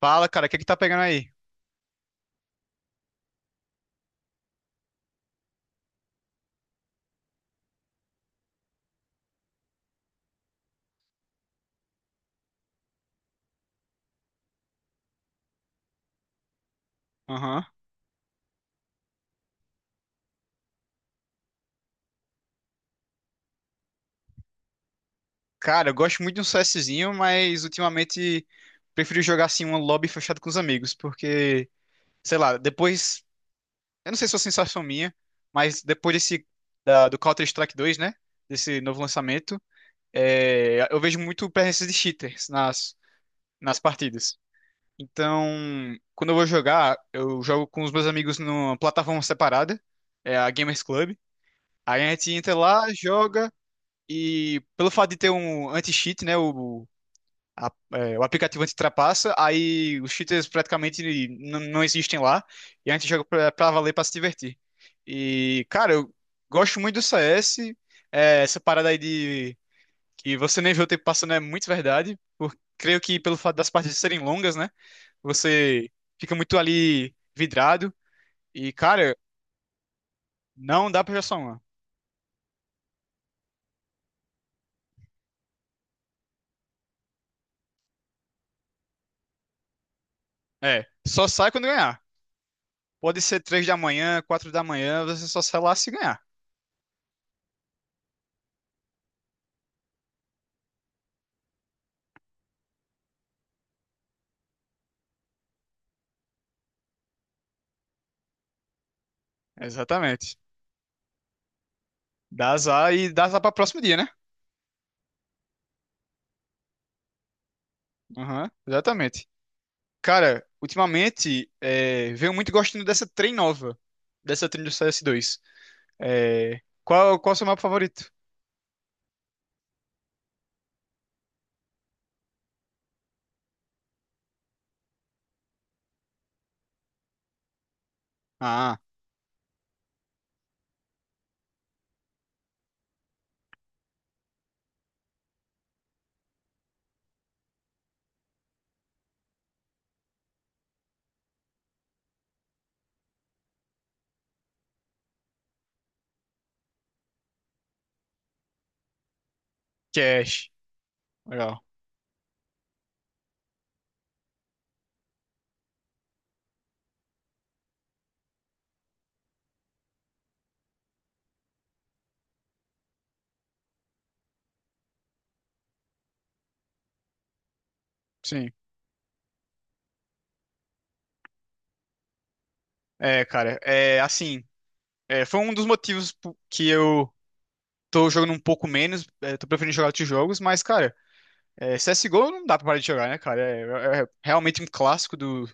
Fala, cara, o que é que tá pegando aí? Cara, eu gosto muito de um CSzinho, mas ultimamente prefiro jogar assim um lobby fechado com os amigos, porque, sei lá, depois, eu não sei se é uma sensação minha, mas depois do Counter-Strike 2, né, desse novo lançamento, eu vejo muito presença de cheaters nas partidas. Então, quando eu vou jogar, eu jogo com os meus amigos numa plataforma separada, é a Gamers Club. Aí a gente entra lá, joga. E pelo fato de ter um anti-cheat, né? O aplicativo anti-trapaça, aí os cheaters praticamente não existem lá. E a gente joga pra valer, pra se divertir. E, cara, eu gosto muito do CS. Essa parada aí de que você nem vê o tempo passando é muito verdade. Creio que pelo fato das partidas serem longas, né? Você fica muito ali vidrado. E, cara, não dá pra jogar só uma. É, só sai quando ganhar. Pode ser 3 da manhã, 4 da manhã, você só sai lá se ganhar. Exatamente. Dá azar e dá azar para próximo dia, né? Aham, exatamente. Cara, ultimamente, venho muito gostando dessa trem nova, dessa trem do CS2. Qual é o seu mapa favorito? Ah, Cash. Legal. Sim. Cara, é assim, foi um dos motivos que eu tô jogando um pouco menos, tô preferindo jogar outros jogos, mas, cara, CSGO não dá pra parar de jogar, né, cara? É realmente um clássico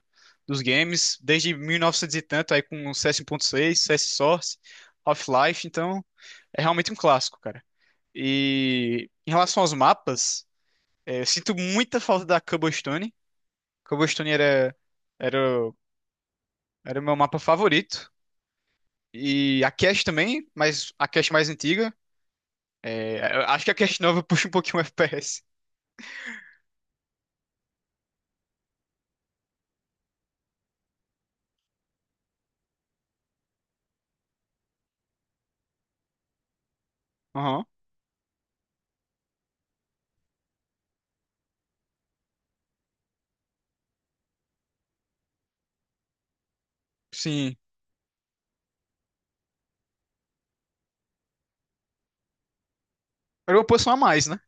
dos games, desde 1900 e novecentos e tanto, aí com o CS 1.6, CS Source, Half-Life, então é realmente um clássico, cara. E em relação aos mapas, eu sinto muita falta da Cobblestone. Cobblestone era, era o meu mapa favorito. E a Cache também, mas a Cache mais antiga. Eu acho que a Cache nova puxa um pouquinho o FPS. Aham, sim. Era uma posição a mais, né?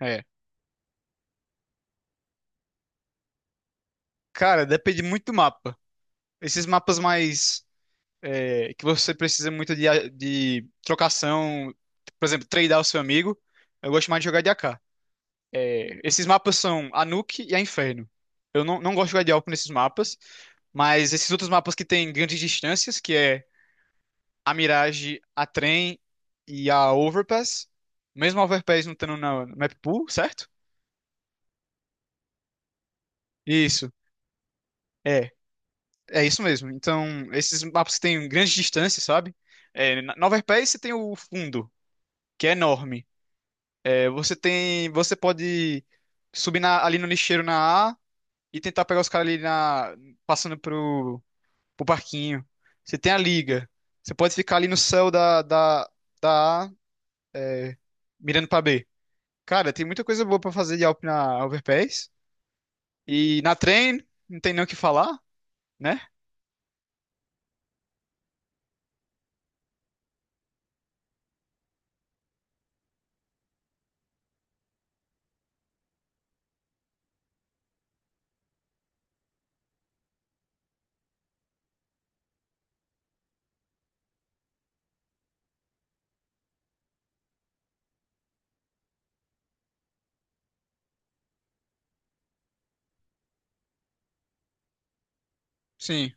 É. Cara, depende muito do mapa. Esses mapas mais que você precisa muito de trocação, por exemplo, tradear o seu amigo, eu gosto mais de jogar de AK. Esses mapas são Anuk e a Inferno. Eu não gosto de jogar de Alco nesses mapas, mas esses outros mapas que tem grandes distâncias, que é a Mirage, a Trem e a Overpass, mesmo a Overpass não estando na no map pool, certo? Isso. É. É isso mesmo. Então, esses mapas que têm grandes distâncias, sabe? Na Overpass você tem o fundo, que é enorme. Você tem, você pode subir ali no lixeiro na A e tentar pegar os caras ali passando pro barquinho. Você tem a liga. Você pode ficar ali no céu da A, é, mirando pra B. Cara, tem muita coisa boa pra fazer de Alp na Overpass. E na Train, não tem nem o que falar, né? Sim.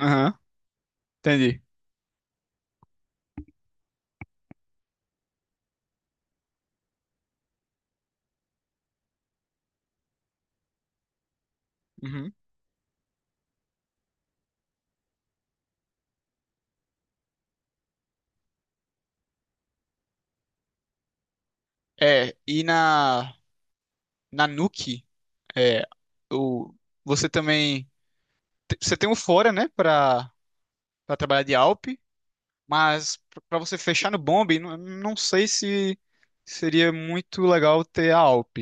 Aham, entendi. Uhum. E na Nuke, é, o, você também. Você tem um fora, né, pra, trabalhar de Alp, mas pra você fechar no Bomb, não sei se seria muito legal ter a Alp.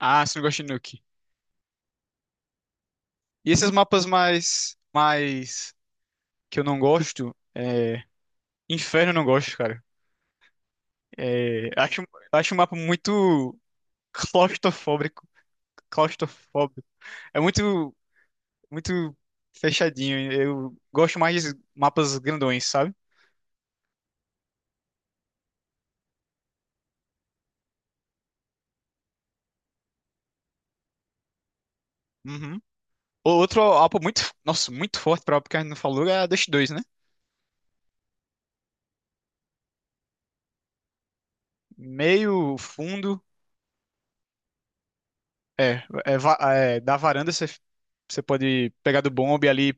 Ah, você não gosta de Nuke. E esses mapas mais que eu não gosto, Inferno eu não gosto, cara. É, acho, acho um mapa muito claustrofóbico. Claustrofóbico. É muito, muito fechadinho. Eu gosto mais de mapas grandões, sabe? Uhum. Outro AWPA muito, nossa, muito forte pra AWPA que a gente não falou é a Dust 2, né? Meio fundo, da varanda você pode pegar do bombe ali.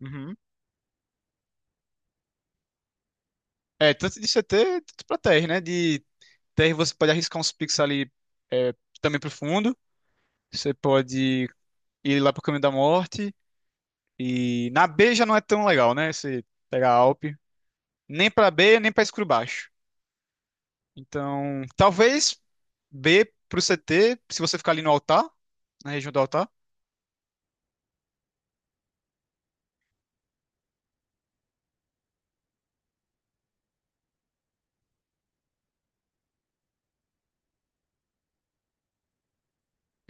Uhum. Tanto de CT, tanto pra terra, né? De terra você pode arriscar uns picks ali, é, também pro fundo, você pode ir lá pro caminho da morte, e na B já não é tão legal, né? Você pegar a AWP, nem pra B, nem pra escuro baixo. Então, talvez B pro CT, se você ficar ali no altar, na região do altar.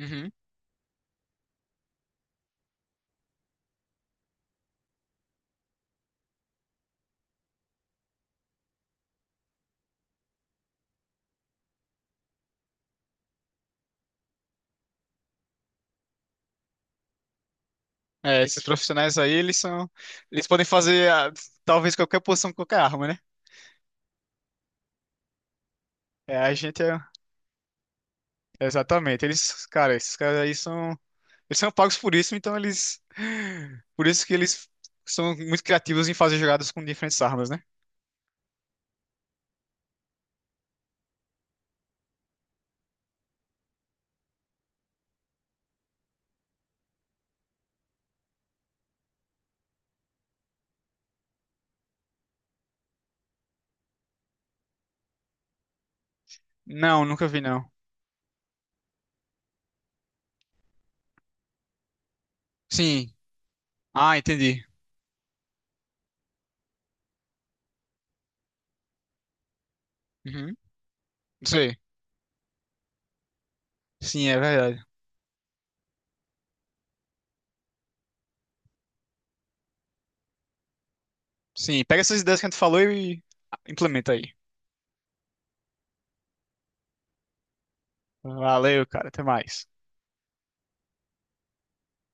Uhum. Esses profissionais aí, eles são. Eles podem fazer talvez qualquer posição com qualquer arma, né? É, a gente é. Exatamente. Eles, cara, esses caras aí são. Eles são pagos por isso, então eles. Por isso que eles são muito criativos em fazer jogadas com diferentes armas, né? Não, nunca vi, não. Sim. Ah, entendi. Uhum. Não sei. Sim, é verdade. Sim, pega essas ideias que a gente falou e implementa aí. Valeu, cara. Até mais.